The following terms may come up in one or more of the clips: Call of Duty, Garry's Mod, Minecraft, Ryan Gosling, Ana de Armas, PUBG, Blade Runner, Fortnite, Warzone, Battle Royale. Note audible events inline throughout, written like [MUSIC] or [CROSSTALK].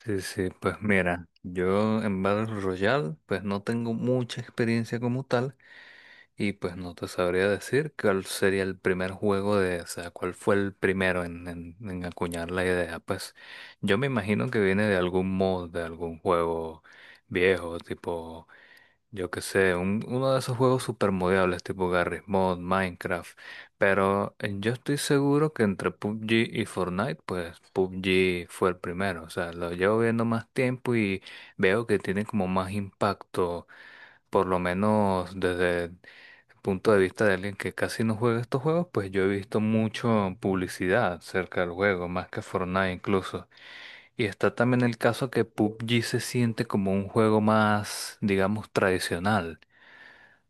Sí, sí, pues mira, yo en Battle Royale pues no tengo mucha experiencia como tal y pues no te sabría decir cuál sería el primer juego de, o sea, cuál fue el primero en acuñar la idea. Pues yo me imagino que viene de algún mod, de algún juego viejo, tipo yo qué sé, uno de esos juegos super modeables tipo Garry's Mod, Minecraft. Pero yo estoy seguro que entre PUBG y Fortnite, pues PUBG fue el primero. O sea, lo llevo viendo más tiempo y veo que tiene como más impacto, por lo menos desde el punto de vista de alguien que casi no juega estos juegos, pues yo he visto mucho publicidad cerca del juego, más que Fortnite incluso. Y está también el caso que PUBG se siente como un juego más, digamos, tradicional.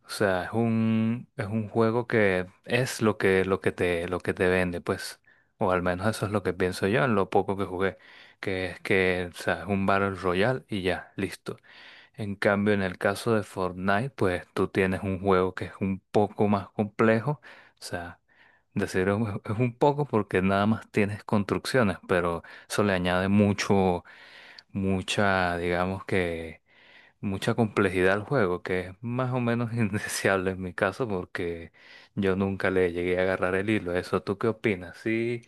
O sea, es un juego que es lo que, lo que te vende, pues. O al menos eso es lo que pienso yo en lo poco que jugué. Que es que, o sea, es un Battle Royale y ya, listo. En cambio, en el caso de Fortnite, pues tú tienes un juego que es un poco más complejo. O sea, decir es un poco porque nada más tienes construcciones, pero eso le añade mucho mucha, digamos que, mucha complejidad al juego, que es más o menos [LAUGHS] indeseable en mi caso porque yo nunca le llegué a agarrar el hilo a eso. ¿Tú qué opinas? ¿Sí,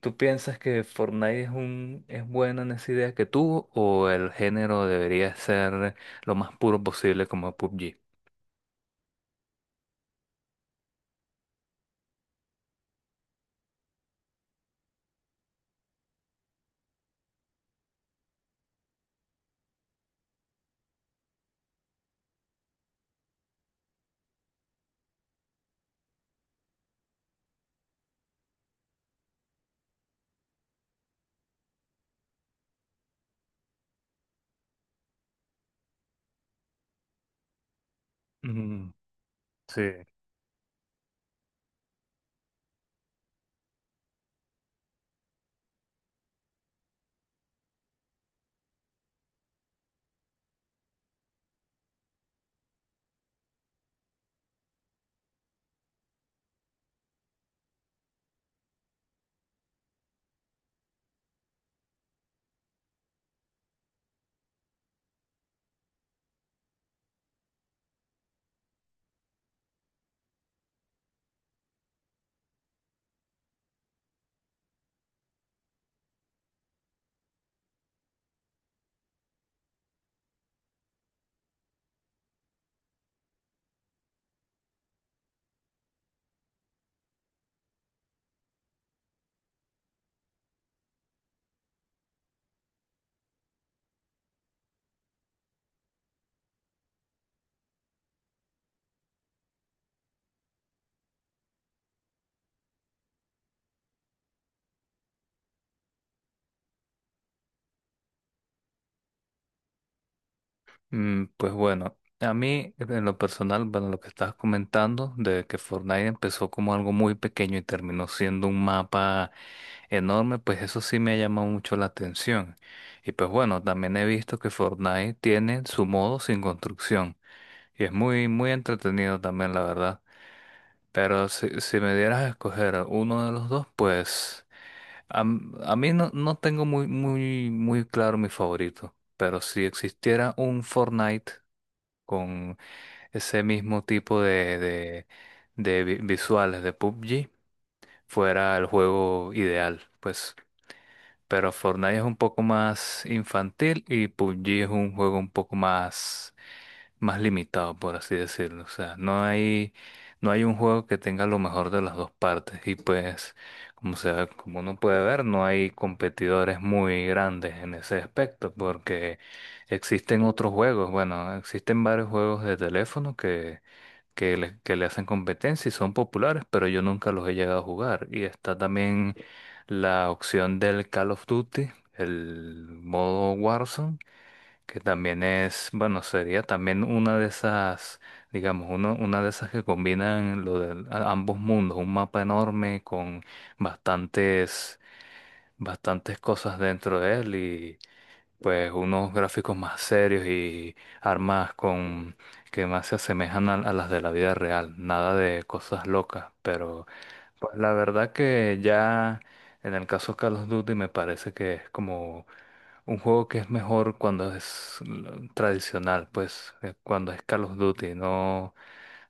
tú piensas que Fortnite es buena en esa idea que tuvo o el género debería ser lo más puro posible como PUBG? Mm, sí. Pues bueno, a mí en lo personal, bueno, lo que estabas comentando de que Fortnite empezó como algo muy pequeño y terminó siendo un mapa enorme, pues eso sí me ha llamado mucho la atención. Y pues bueno, también he visto que Fortnite tiene su modo sin construcción y es muy, muy entretenido también, la verdad. Pero si me dieras a escoger uno de los dos, pues a mí no, no tengo muy claro mi favorito. Pero si existiera un Fortnite con ese mismo tipo de visuales de PUBG fuera el juego ideal, pues. Pero Fortnite es un poco más infantil y PUBG es un juego un poco más, más limitado, por así decirlo. O sea, no hay un juego que tenga lo mejor de las dos partes. Y pues, como uno puede ver, no hay competidores muy grandes en ese aspecto, porque existen otros juegos. Bueno, existen varios juegos de teléfono que le hacen competencia y son populares, pero yo nunca los he llegado a jugar. Y está también la opción del Call of Duty, el modo Warzone, que también es, bueno, sería también una de esas, digamos, una de esas que combinan lo de ambos mundos, un mapa enorme con bastantes, bastantes cosas dentro de él, pues unos gráficos más serios y armas con que más se asemejan a las de la vida real, nada de cosas locas. Pero pues la verdad que ya en el caso Call of Duty me parece que es como un juego que es mejor cuando es tradicional, pues cuando es Call of Duty, no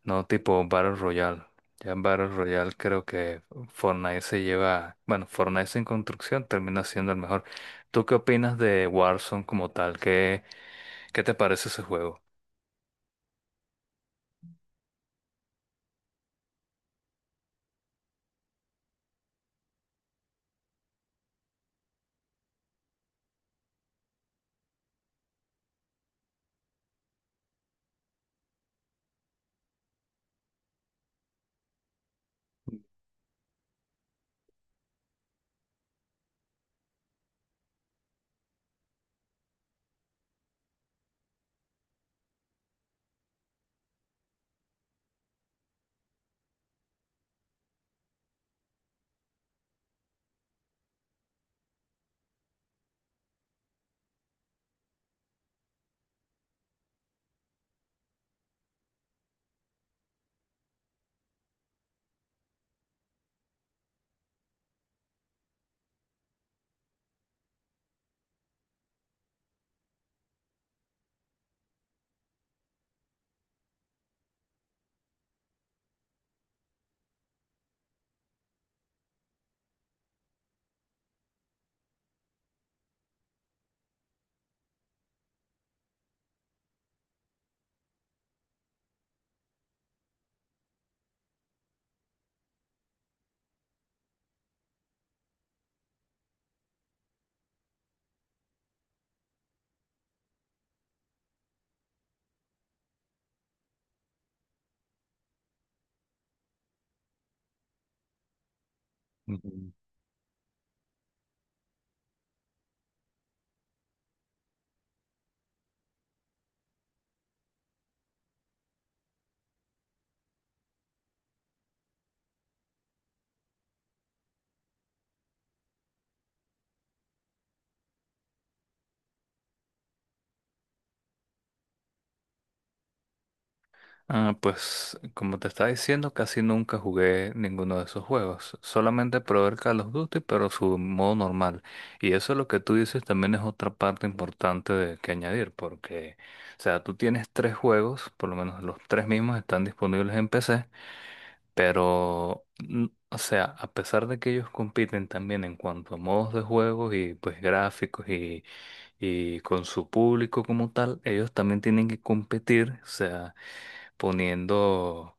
no, tipo Battle Royale. Ya en Battle Royale creo que Fortnite se lleva, bueno, Fortnite en construcción termina siendo el mejor. ¿Tú qué opinas de Warzone como tal? ¿Qué, qué te parece ese juego? Ujú. Ah, pues como te estaba diciendo, casi nunca jugué ninguno de esos juegos. Solamente probé el Call of Duty, pero su modo normal. Y eso es lo que tú dices también es otra parte importante de, que añadir, porque, o sea, tú tienes tres juegos, por lo menos los tres mismos están disponibles en PC. Pero, o sea, a pesar de que ellos compiten también en cuanto a modos de juego y pues gráficos y con su público como tal, ellos también tienen que competir, o sea, poniendo,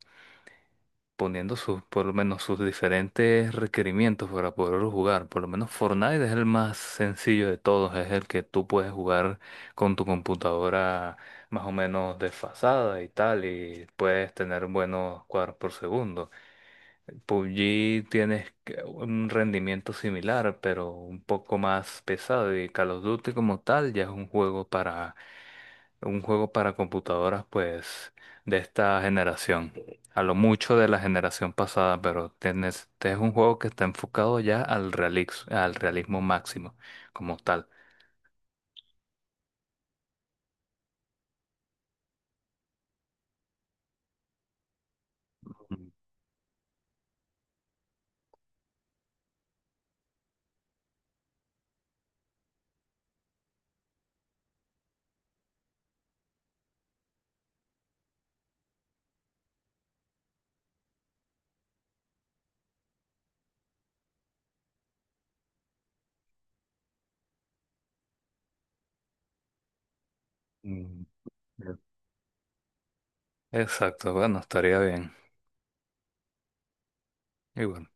poniendo sus, por lo menos sus diferentes requerimientos para poderlo jugar. Por lo menos Fortnite es el más sencillo de todos, es el que tú puedes jugar con tu computadora más o menos desfasada y tal, y puedes tener buenos cuadros por segundo. PUBG un rendimiento similar, pero un poco más pesado. Y Call of Duty como tal ya es un juego para computadoras, pues, de esta generación. A lo mucho de la generación pasada, pero tienes, este es un juego que está enfocado ya al al realismo máximo como tal. Mm, mm, exacto, bueno, estaría bien. Y bueno.